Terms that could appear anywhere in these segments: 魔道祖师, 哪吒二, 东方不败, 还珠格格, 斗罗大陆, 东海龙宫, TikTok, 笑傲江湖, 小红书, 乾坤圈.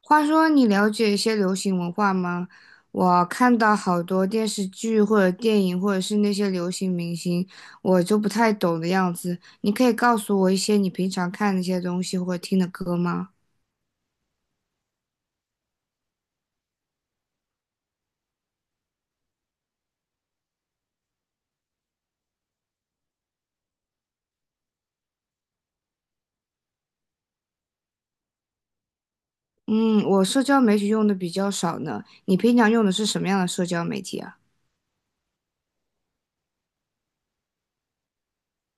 话说，你了解一些流行文化吗？我看到好多电视剧或者电影，或者是那些流行明星，我就不太懂的样子。你可以告诉我一些你平常看那些东西或者听的歌吗？嗯，我社交媒体用的比较少呢。你平常用的是什么样的社交媒体啊？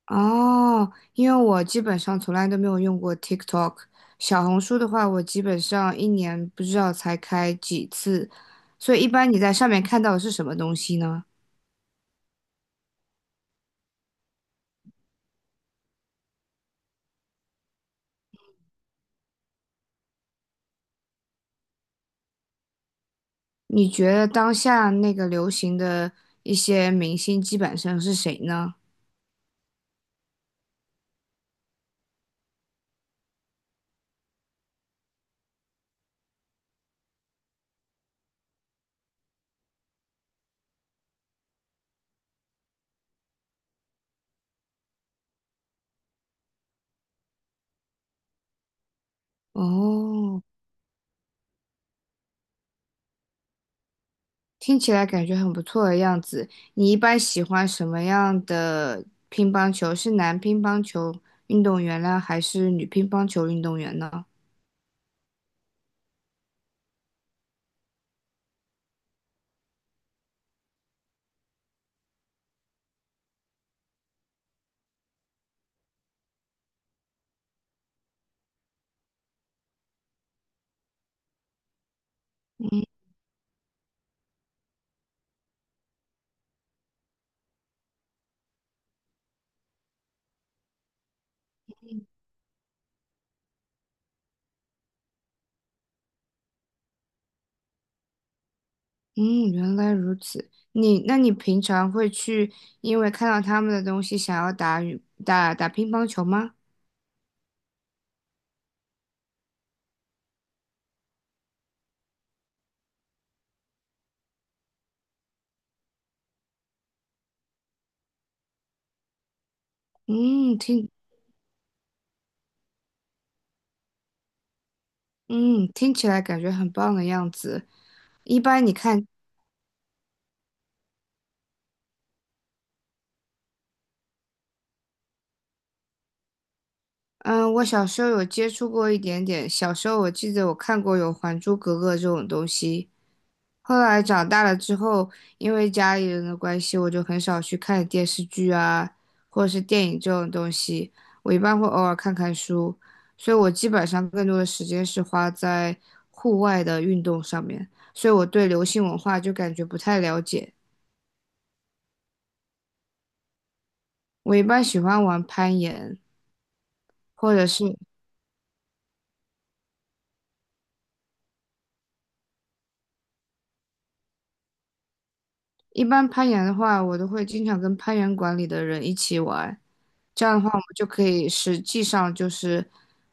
哦，因为我基本上从来都没有用过 TikTok，小红书的话，我基本上一年不知道才开几次，所以一般你在上面看到的是什么东西呢？你觉得当下那个流行的一些明星基本上是谁呢？哦，听起来感觉很不错的样子。你一般喜欢什么样的乒乓球？是男乒乓球运动员呢，还是女乒乓球运动员呢？嗯嗯，原来如此。你，那你平常会去因为看到他们的东西想要打羽打打乒乓球吗？嗯，听起来感觉很棒的样子。一般你看，嗯，我小时候有接触过一点点。小时候我记得我看过有《还珠格格》这种东西，后来长大了之后，因为家里人的关系，我就很少去看电视剧啊，或者是电影这种东西。我一般会偶尔看看书，所以我基本上更多的时间是花在户外的运动上面，所以我对流行文化就感觉不太了解。我一般喜欢玩攀岩，或者是。一般攀岩的话，我都会经常跟攀岩馆里的人一起玩，这样的话，我们就可以实际上就是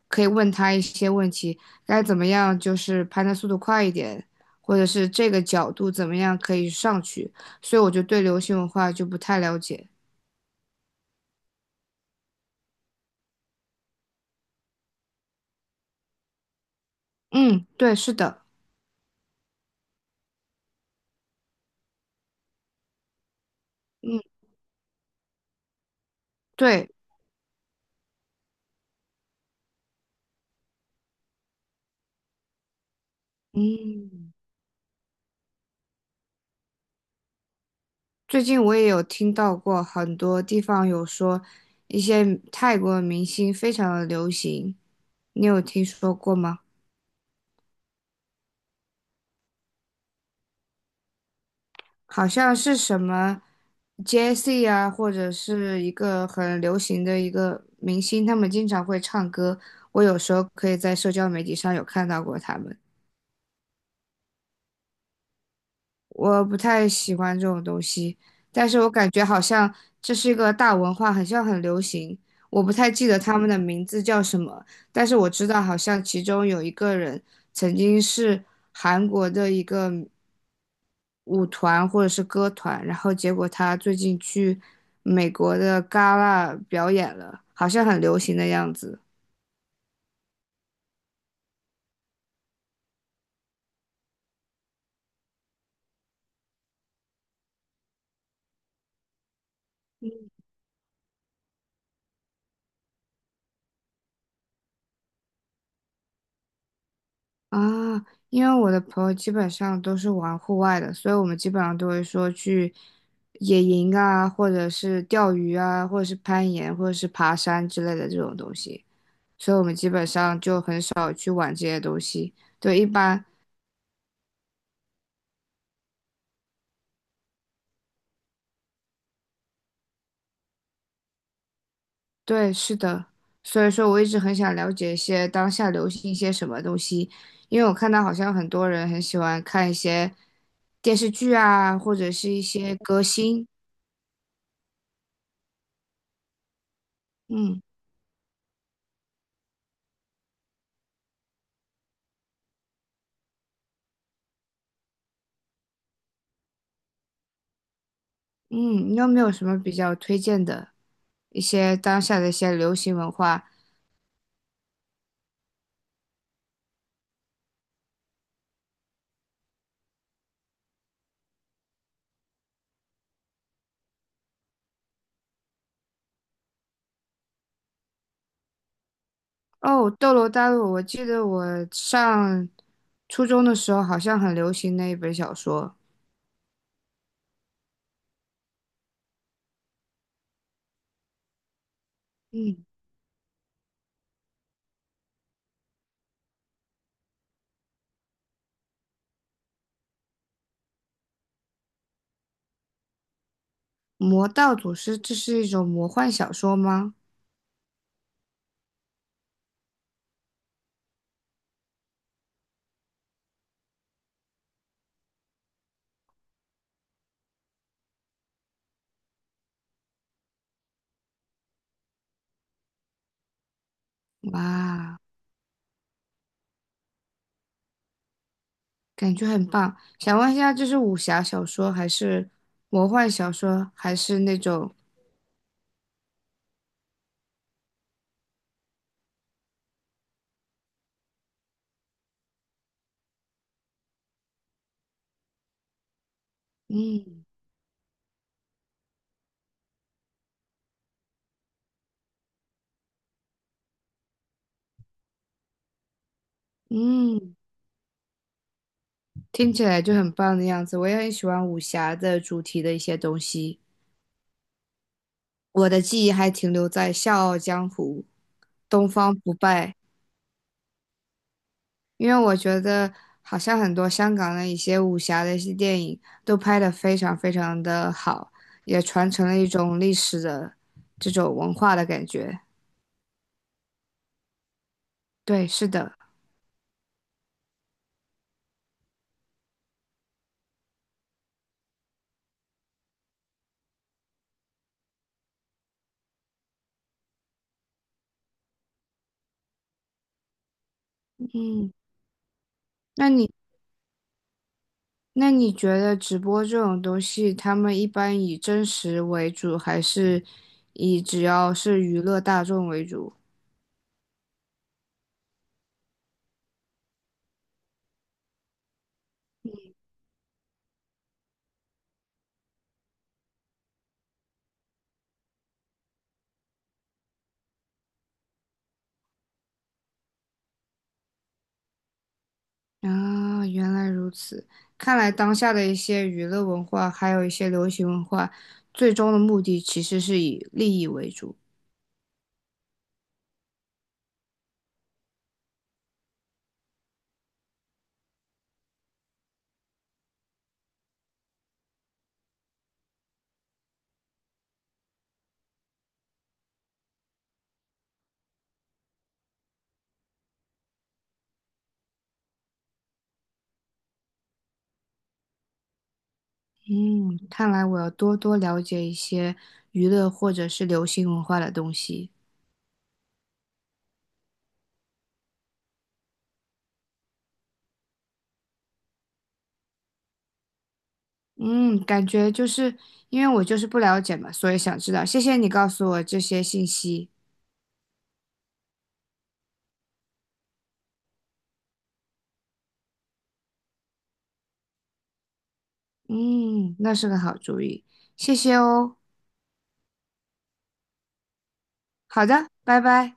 可以问他一些问题，该怎么样就是攀的速度快一点，或者是这个角度怎么样可以上去。所以我就对流行文化就不太了解。嗯，对，是的，嗯，对，嗯，最近我也有听到过很多地方有说一些泰国明星非常的流行，你有听说过吗？好像是什么 Jessie 啊，或者是一个很流行的一个明星，他们经常会唱歌。我有时候可以在社交媒体上有看到过他们。我不太喜欢这种东西，但是我感觉好像这是一个大文化，好像很流行。我不太记得他们的名字叫什么，但是我知道好像其中有一个人曾经是韩国的一个舞团或者是歌团，然后结果他最近去美国的戛纳表演了，好像很流行的样子。啊，因为我的朋友基本上都是玩户外的，所以我们基本上都会说去野营啊，或者是钓鱼啊，或者是攀岩，或者是爬山之类的这种东西，所以我们基本上就很少去玩这些东西。对，一般，对，是的。所以说我一直很想了解一些当下流行一些什么东西，因为我看到好像很多人很喜欢看一些电视剧啊，或者是一些歌星，嗯。嗯，你有没有什么比较推荐的一些当下的一些流行文化？哦，《斗罗大陆》，我记得我上初中的时候好像很流行那一本小说。嗯，《魔道祖师》，这是一种魔幻小说吗？哇，感觉很棒。想问一下，这是武侠小说还是魔幻小说，还是那种……嗯嗯，听起来就很棒的样子。我也很喜欢武侠的主题的一些东西。我的记忆还停留在《笑傲江湖》《东方不败》，因为我觉得好像很多香港的一些武侠的一些电影都拍得非常非常的好，也传承了一种历史的这种文化的感觉。对，是的，嗯，那你那你觉得直播这种东西，他们一般以真实为主，还是以只要是娱乐大众为主？啊，原来如此。看来当下的一些娱乐文化，还有一些流行文化，最终的目的其实是以利益为主。嗯，看来我要多多了解一些娱乐或者是流行文化的东西。嗯，感觉就是因为我就是不了解嘛，所以想知道。谢谢你告诉我这些信息。嗯，那是个好主意，谢谢哦。好的，拜拜。